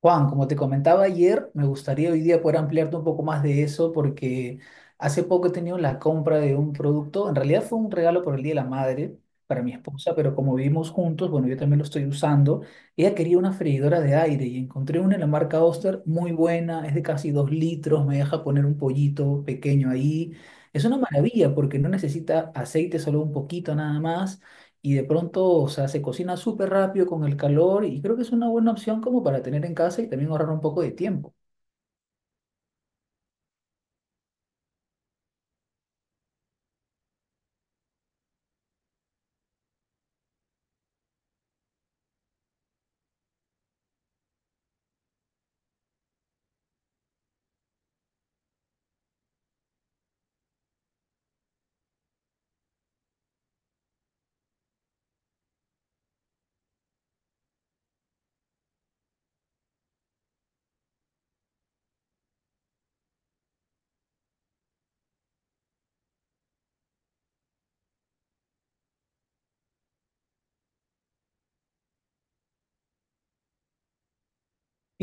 Juan, como te comentaba ayer, me gustaría hoy día poder ampliarte un poco más de eso porque hace poco he tenido la compra de un producto, en realidad fue un regalo por el Día de la Madre para mi esposa, pero como vivimos juntos, bueno, yo también lo estoy usando, ella quería una freidora de aire y encontré una en la marca Oster muy buena, es de casi 2 litros, me deja poner un pollito pequeño ahí, es una maravilla porque no necesita aceite, solo un poquito nada más y de pronto, o sea, se cocina súper rápido con el calor y creo que es una buena opción como para tener en casa y también ahorrar un poco de tiempo.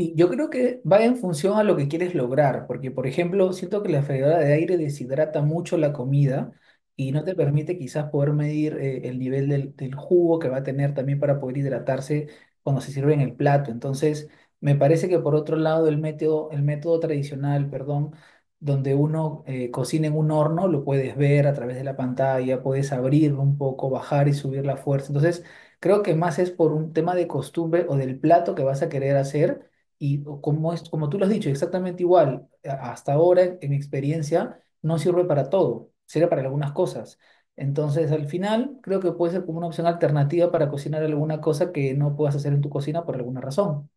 Y yo creo que va en función a lo que quieres lograr, porque por ejemplo, siento que la freidora de aire deshidrata mucho la comida y no te permite quizás poder medir el nivel del jugo que va a tener también para poder hidratarse cuando se sirve en el plato. Entonces, me parece que por otro lado, el método tradicional, perdón, donde uno cocina en un horno, lo puedes ver a través de la pantalla, puedes abrirlo un poco, bajar y subir la fuerza. Entonces, creo que más es por un tema de costumbre o del plato que vas a querer hacer y como tú lo has dicho, exactamente igual, hasta ahora en mi experiencia no sirve para todo, sirve para algunas cosas. Entonces, al final, creo que puede ser como una opción alternativa para cocinar alguna cosa que no puedas hacer en tu cocina por alguna razón.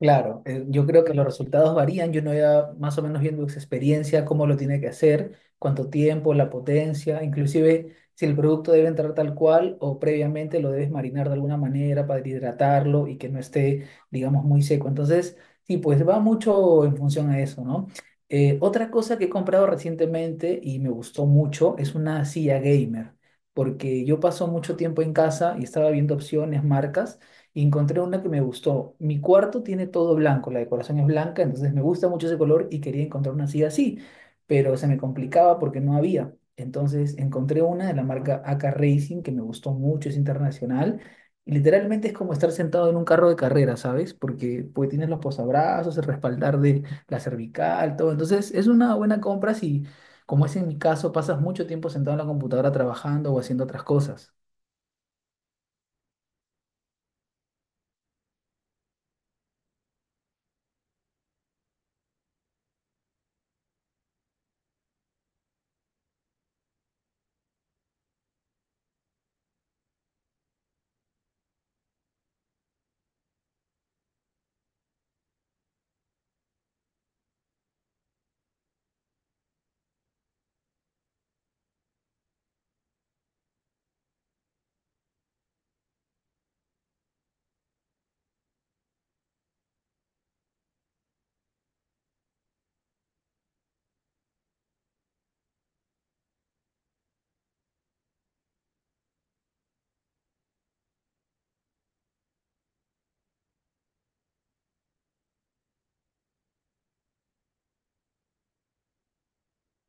Claro, yo creo que los resultados varían, yo no ya más o menos viendo su experiencia, cómo lo tiene que hacer, cuánto tiempo, la potencia, inclusive si el producto debe entrar tal cual o previamente lo debes marinar de alguna manera para hidratarlo y que no esté, digamos, muy seco. Entonces, sí, pues va mucho en función a eso, ¿no? Otra cosa que he comprado recientemente y me gustó mucho es una silla gamer, porque yo paso mucho tiempo en casa y estaba viendo opciones, marcas y encontré una que me gustó. Mi cuarto tiene todo blanco, la decoración es blanca, entonces me gusta mucho ese color y quería encontrar una así así, pero se me complicaba porque no había. Entonces encontré una de la marca AK Racing que me gustó mucho, es internacional. Y literalmente es como estar sentado en un carro de carrera, ¿sabes? Porque pues tienes los posabrazos, el respaldar de la cervical, todo. Entonces es una buena compra si, como es en mi caso, pasas mucho tiempo sentado en la computadora trabajando o haciendo otras cosas.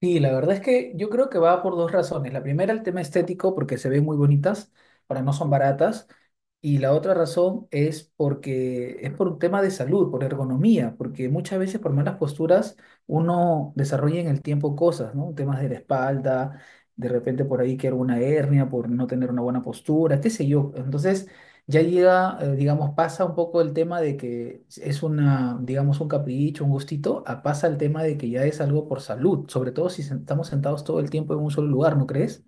Sí, la verdad es que yo creo que va por dos razones. La primera, el tema estético, porque se ven muy bonitas, para no son baratas. Y la otra razón es porque es por un tema de salud, por ergonomía, porque muchas veces por malas posturas uno desarrolla en el tiempo cosas, ¿no? Temas de la espalda, de repente por ahí que alguna hernia por no tener una buena postura, qué sé yo. Entonces, ya llega, digamos, pasa un poco el tema de que es una, digamos, un capricho, un gustito, a pasa el tema de que ya es algo por salud, sobre todo si estamos sentados todo el tiempo en un solo lugar, ¿no crees?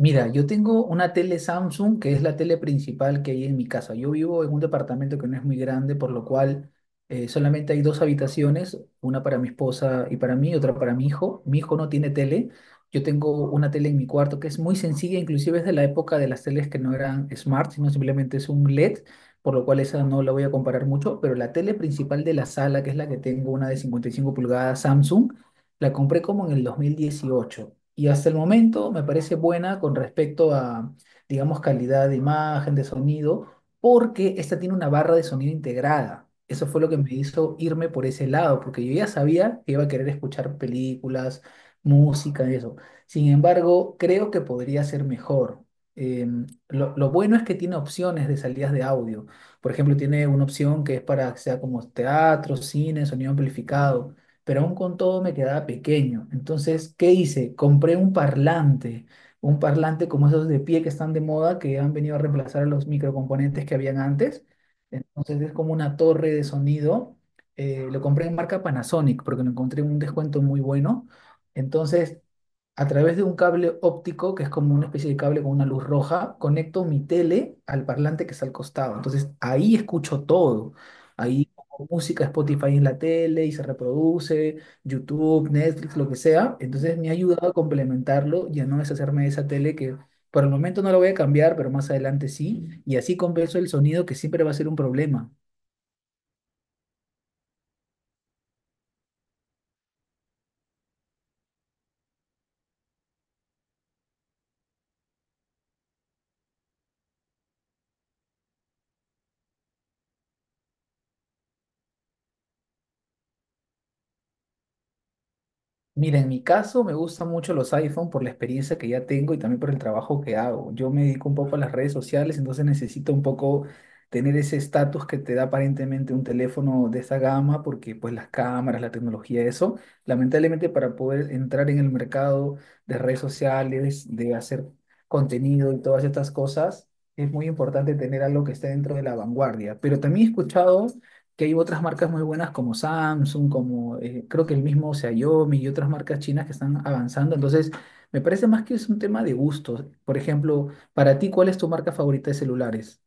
Mira, yo tengo una tele Samsung, que es la tele principal que hay en mi casa. Yo vivo en un departamento que no es muy grande, por lo cual solamente hay dos habitaciones, una para mi esposa y para mí, otra para mi hijo. Mi hijo no tiene tele. Yo tengo una tele en mi cuarto que es muy sencilla, inclusive es de la época de las teles que no eran smart, sino simplemente es un LED, por lo cual esa no la voy a comparar mucho, pero la tele principal de la sala, que es la que tengo, una de 55 pulgadas Samsung, la compré como en el 2018 y hasta el momento me parece buena con respecto a, digamos, calidad de imagen, de sonido, porque esta tiene una barra de sonido integrada. Eso fue lo que me hizo irme por ese lado, porque yo ya sabía que iba a querer escuchar películas, música y eso. Sin embargo, creo que podría ser mejor. Lo bueno es que tiene opciones de salidas de audio. Por ejemplo, tiene una opción que es para que sea como teatro, cine, sonido amplificado pero aún con todo me quedaba pequeño. Entonces, ¿qué hice? Compré un parlante como esos de pie que están de moda, que han venido a reemplazar a los microcomponentes que habían antes. Entonces, es como una torre de sonido. Lo compré en marca Panasonic porque lo encontré en un descuento muy bueno. Entonces, a través de un cable óptico, que es como una especie de cable con una luz roja, conecto mi tele al parlante que está al costado. Entonces ahí escucho todo. Ahí pongo música, Spotify en la tele y se reproduce, YouTube, Netflix, lo que sea. Entonces me ha ayudado a complementarlo y a no deshacerme de esa tele que por el momento no la voy a cambiar, pero más adelante sí. Y así compenso el sonido que siempre va a ser un problema. Mira, en mi caso me gustan mucho los iPhone por la experiencia que ya tengo y también por el trabajo que hago. Yo me dedico un poco a las redes sociales, entonces necesito un poco tener ese estatus que te da aparentemente un teléfono de esta gama, porque pues las cámaras, la tecnología, eso, lamentablemente para poder entrar en el mercado de redes sociales, de hacer contenido y todas estas cosas, es muy importante tener algo que esté dentro de la vanguardia. Pero también he escuchado que hay otras marcas muy buenas como Samsung, como creo que el mismo Xiaomi y otras marcas chinas que están avanzando. Entonces, me parece más que es un tema de gustos. Por ejemplo, para ti, ¿cuál es tu marca favorita de celulares?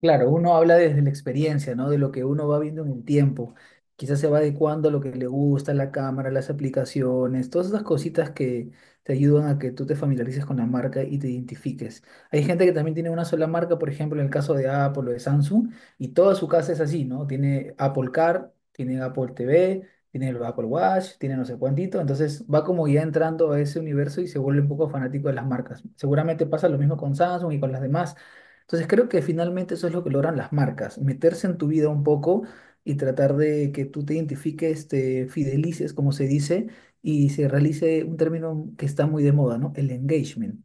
Claro, uno habla desde la experiencia, ¿no? De lo que uno va viendo en el tiempo. Quizás se va adecuando a lo que le gusta, la cámara, las aplicaciones, todas esas cositas que te ayudan a que tú te familiarices con la marca y te identifiques. Hay gente que también tiene una sola marca, por ejemplo, en el caso de Apple o de Samsung, y toda su casa es así, ¿no? Tiene Apple Car, tiene Apple TV, tiene el Apple Watch, tiene no sé cuántito. Entonces va como ya entrando a ese universo y se vuelve un poco fanático de las marcas. Seguramente pasa lo mismo con Samsung y con las demás entonces creo que finalmente eso es lo que logran las marcas, meterse en tu vida un poco y tratar de que tú te identifiques, te fidelices, como se dice, y se realice un término que está muy de moda, ¿no? El engagement.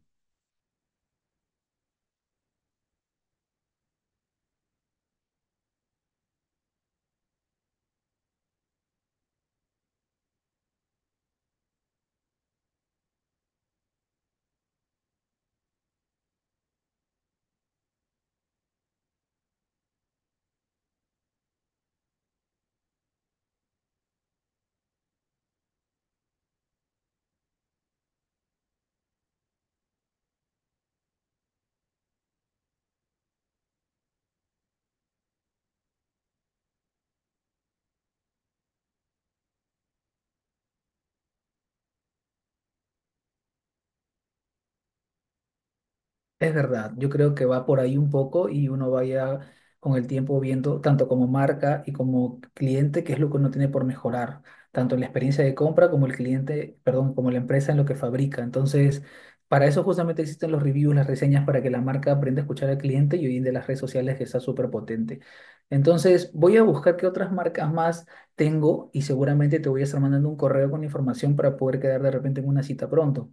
Es verdad, yo creo que va por ahí un poco y uno vaya con el tiempo viendo tanto como marca y como cliente qué es lo que uno tiene por mejorar, tanto en la experiencia de compra como el cliente, perdón, como la empresa en lo que fabrica. Entonces, para eso justamente existen los reviews, las reseñas, para que la marca aprenda a escuchar al cliente y hoy en día las redes sociales que está súper potente. Entonces, voy a buscar qué otras marcas más tengo y seguramente te voy a estar mandando un correo con información para poder quedar de repente en una cita pronto.